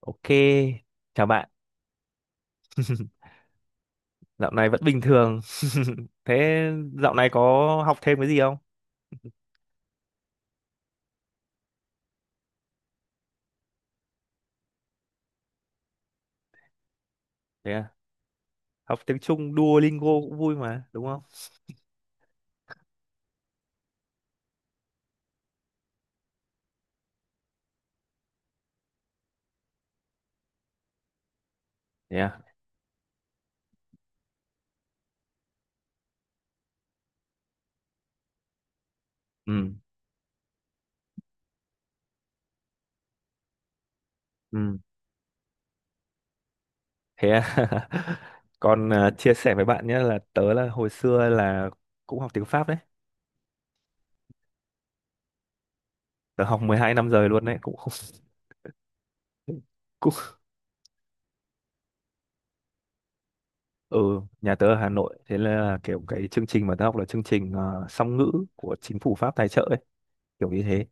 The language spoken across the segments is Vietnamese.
Ok, chào bạn. Dạo này vẫn bình thường. Thế dạo này có học thêm cái gì không? Thế à? Học tiếng Trung Duolingo cũng vui mà, đúng không? Thế à? Ừ, ừ. Thế à? Còn chia sẻ với bạn nhé là tớ là hồi xưa là cũng học tiếng Pháp đấy. Tớ học 12 năm rồi luôn đấy, cũng không. Cũng ừ, nhà tớ ở Hà Nội, thế là kiểu cái chương trình mà tớ học là chương trình song ngữ của chính phủ Pháp tài trợ ấy, kiểu như thế.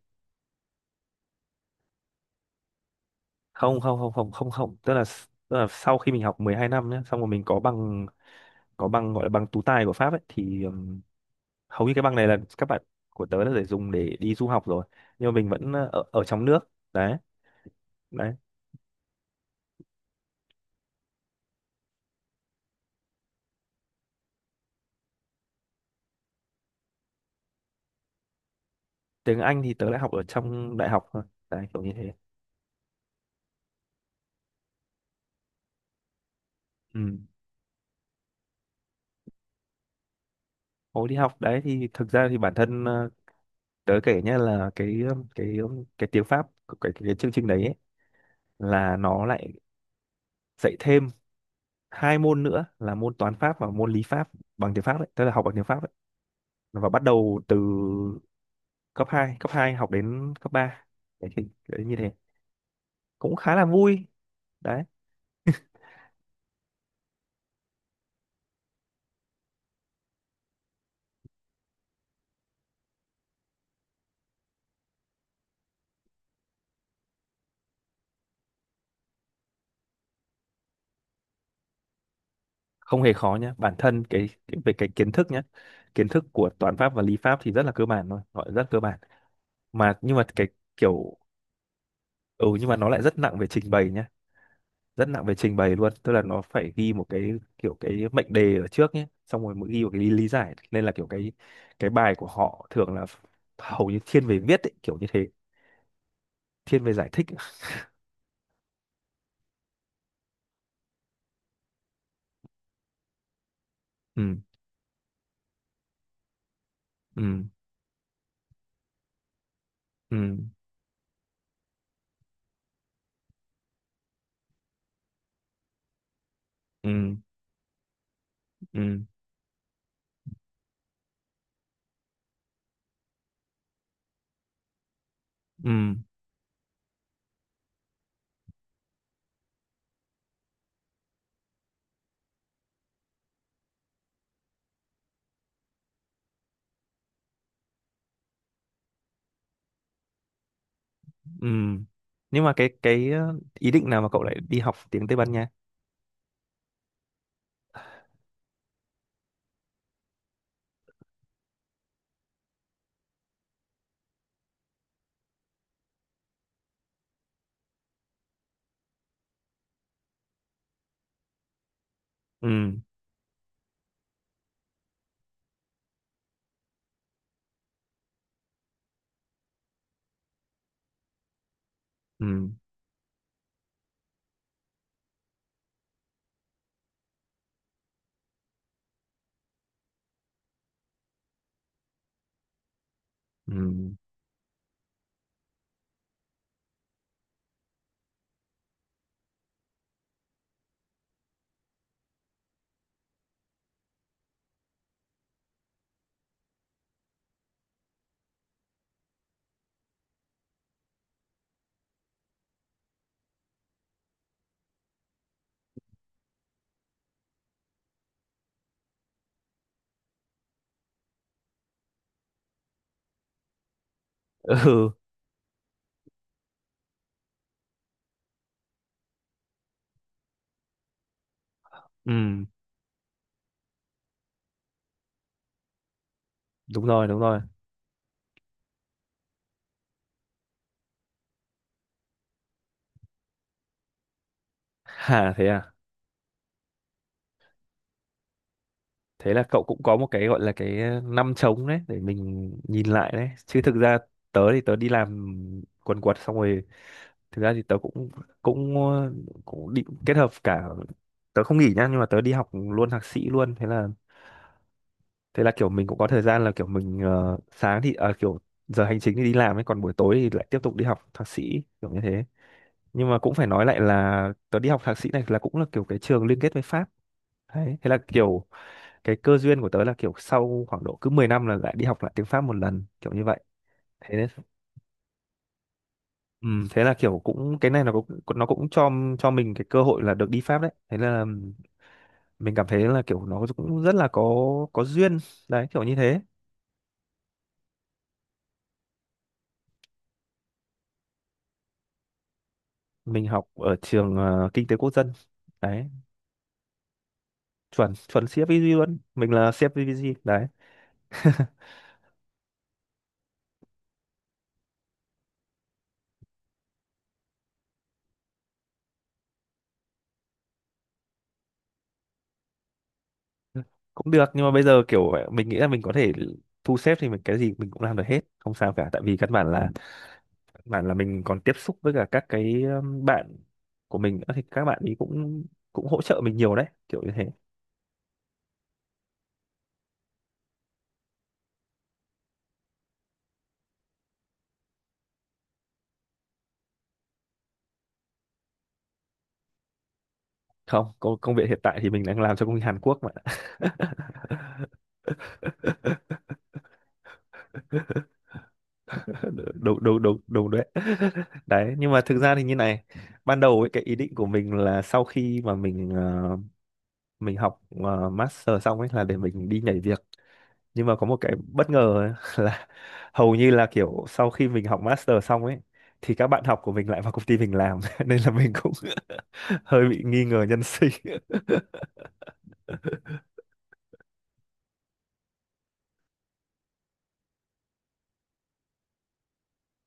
Không không không không không không, tức là sau khi mình học 12 năm nhé, xong rồi mình có bằng, gọi là bằng tú tài của Pháp ấy thì, hầu như cái bằng này là các bạn của tớ là để dùng để đi du học rồi, nhưng mà mình vẫn ở trong nước. Đấy. đấy tiếng Anh thì tớ lại học ở trong đại học thôi, đấy kiểu như thế. Ừ. Hồi đi học đấy thì thực ra thì bản thân, tớ kể nhé, là cái cái tiếng Pháp của cái chương trình đấy ấy, là nó lại dạy thêm hai môn nữa là môn toán Pháp và môn lý Pháp, bằng tiếng Pháp đấy, tức là học bằng tiếng Pháp ấy, và bắt đầu từ cấp hai, học đến cấp ba. Đấy, thì, đấy như thế, cũng khá là vui. Đấy, không hề khó nhá. Bản thân cái về cái kiến thức nhá. Kiến thức của toán Pháp và lý Pháp thì rất là cơ bản thôi, gọi là rất cơ bản. Mà nhưng mà cái kiểu, ừ nhưng mà nó lại rất nặng về trình bày nhá, rất nặng về trình bày luôn, tức là nó phải ghi một cái kiểu cái mệnh đề ở trước nhé, xong rồi mới ghi một cái lý giải, nên là kiểu cái bài của họ thường là hầu như thiên về viết ấy, kiểu như thế, thiên về giải thích. Ừ, ừ, ừ, ừ, ừ, ừ, ừ, nhưng mà ý định nào mà cậu lại đi học tiếng Tây Ban Nha? Ừ, ừ, ừ, ừ, ừ, đúng rồi, đúng rồi. Thế à? Thế là cậu cũng có một cái gọi là năm trống đấy để mình nhìn lại đấy chứ, thực ra tớ thì tớ đi làm quần quật xong rồi, thực ra thì tớ cũng, cũng ờ, cũng định kết hợp cả, tớ không nghỉ nhá nhưng mà tớ đi học luôn thạc sĩ luôn, thế là kiểu mình cũng có thời gian là kiểu mình, sáng thì, kiểu giờ hành chính thì đi làm ấy, còn buổi tối thì lại tiếp tục đi học thạc sĩ kiểu như thế. Nhưng mà cũng phải nói lại là tớ đi học thạc sĩ này là cũng là kiểu cái trường liên kết với Pháp đấy, thế là kiểu cái cơ duyên của tớ là kiểu sau khoảng độ cứ 10 năm là lại đi học lại tiếng Pháp một lần, kiểu như vậy, thế đấy. Ừ, thế là kiểu cũng cái này nó cũng, cho mình cái cơ hội là được đi Pháp đấy, thế là mình cảm thấy là kiểu nó cũng rất là có, duyên, đấy kiểu như thế. Mình học ở trường, kinh tế quốc dân đấy. Chuẩn chuẩn CFVG luôn, mình là CFVG đấy. Cũng được nhưng mà bây giờ kiểu mình nghĩ là mình có thể thu xếp thì mình cái gì mình cũng làm được hết, không sao cả, tại vì căn bản là mình còn tiếp xúc với cả các cái, bạn của mình nữa thì các bạn ấy cũng, hỗ trợ mình nhiều đấy kiểu như thế. Không, công việc hiện tại thì mình đang làm cho công ty Hàn Quốc mà. Đúng đúng đúng đúng đấy. Đấy nhưng mà thực ra thì như này, ban đầu ấy, cái ý định của mình là sau khi mà mình, mình học, master xong ấy là để mình đi nhảy việc, nhưng mà có một cái bất ngờ ấy là, hầu như là kiểu sau khi mình học master xong ấy thì các bạn học của mình lại vào công ty mình làm. Nên là mình cũng hơi bị nghi ngờ nhân sinh.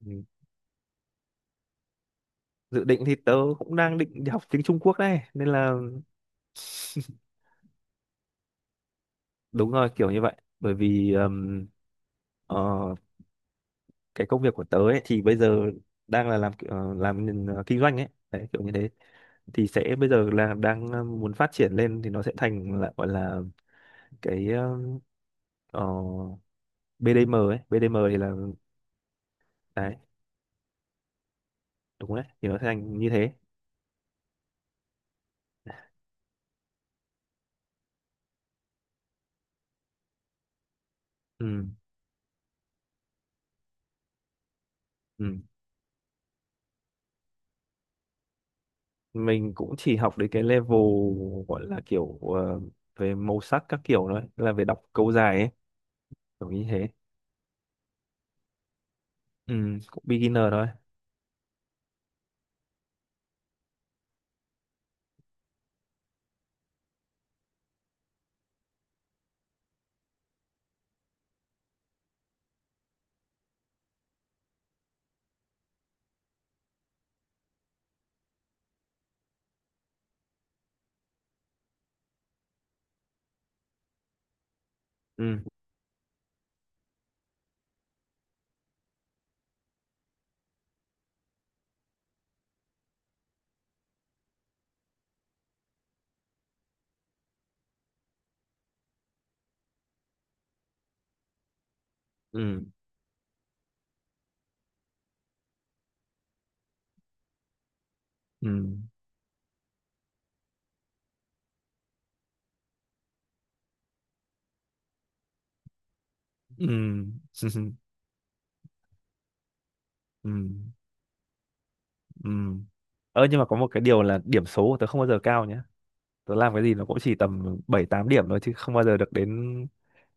Ừ. Dự định thì tớ cũng đang định đi học tiếng Trung Quốc đấy, nên là đúng rồi, kiểu như vậy. Bởi vì, ờ, cái công việc của tớ ấy, thì bây giờ đang là làm, kinh doanh ấy đấy kiểu như thế, thì sẽ bây giờ là đang, muốn phát triển lên thì nó sẽ thành là gọi là cái, ờ, BDM ấy, BDM thì là, đấy, đúng đấy, thì nó sẽ thành như thế. Ừ, ừ. Mình cũng chỉ học đến cái level gọi là kiểu, về màu sắc các kiểu thôi, là về đọc câu dài ấy kiểu như thế. Ừ, cũng beginner thôi. Ừ, ừ, ừ, ừ. Ừ. Ừ. Ơ nhưng mà có một cái điều là điểm số của tớ không bao giờ cao nhé. Tớ làm cái gì nó cũng chỉ tầm 7 8 điểm thôi chứ không bao giờ được đến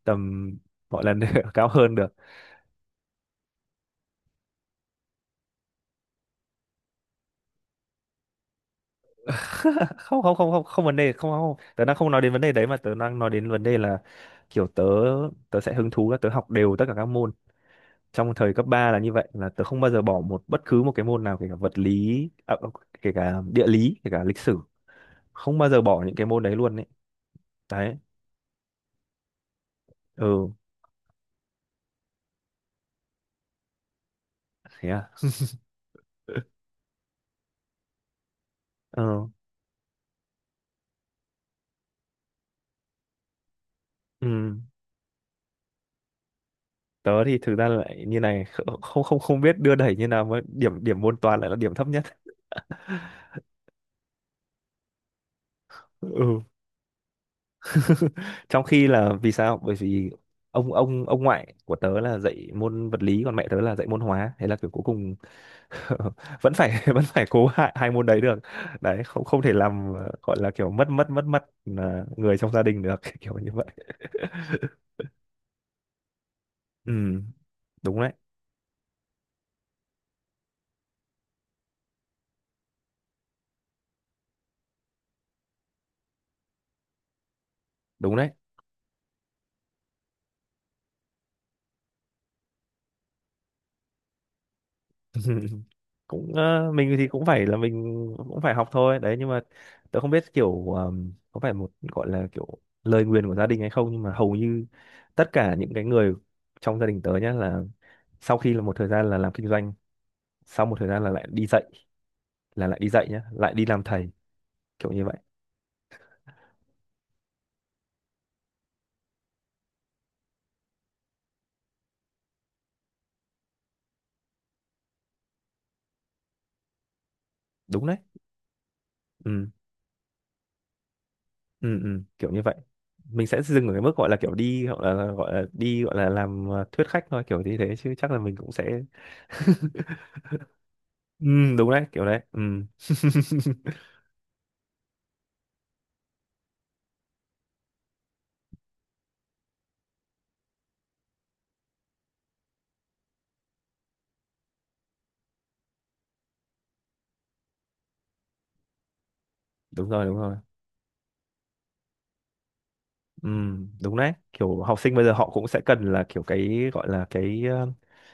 tầm gọi là cao hơn được. Không không không không không vấn đề, không không. Tớ đang không nói đến vấn đề đấy mà tớ đang nói đến vấn đề là kiểu tớ, sẽ hứng thú là tớ học đều tất cả các môn. Trong thời cấp 3 là như vậy, là tớ không bao giờ bỏ một bất cứ một cái môn nào, kể cả vật lý, à, kể cả địa lý, kể cả lịch sử, không bao giờ bỏ những cái môn đấy luôn ấy. Đấy. Ừ, thế à. Ừ. Ừ. Tớ thì thực ra lại như này, kh- không không không biết đưa đẩy như nào mà điểm điểm môn toán lại là điểm thấp nhất. Ừ. Trong khi là vì sao, bởi vì ông ngoại của tớ là dạy môn vật lý, còn mẹ tớ là dạy môn hóa, thế là kiểu cuối cùng vẫn phải vẫn phải cố hai môn đấy được, đấy, không không thể làm, gọi là kiểu mất mất mất mất, người trong gia đình được, kiểu như vậy. Ừ, đúng đấy, đúng đấy. Cũng, mình cũng phải học thôi đấy, nhưng mà tớ không biết kiểu, có phải một gọi là kiểu lời nguyền của gia đình hay không, nhưng mà hầu như tất cả những cái người trong gia đình tớ nhá là, sau khi là một thời gian là làm kinh doanh, sau một thời gian là lại đi dạy, nhá, lại đi làm thầy, kiểu như vậy. Đúng đấy. Ừ, ừ, ừ, kiểu như vậy. Mình sẽ dừng ở cái mức gọi là kiểu đi, hoặc là gọi là đi, gọi là làm, thuyết khách thôi kiểu như thế chứ chắc là mình cũng sẽ. Ừ, đúng đấy, kiểu đấy. Ừ. Đúng rồi, đúng rồi. Ừ, đúng đấy, kiểu học sinh bây giờ họ cũng sẽ cần là kiểu cái gọi là cái,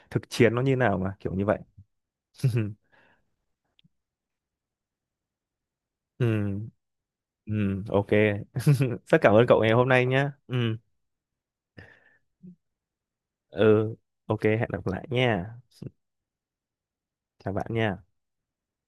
thực chiến nó như nào mà kiểu như vậy. Ừ, ừ, ok, rất cảm ơn cậu ngày hôm nay nhé. Ừ, ừ, ok, hẹn gặp lại nha. Chào bạn nha.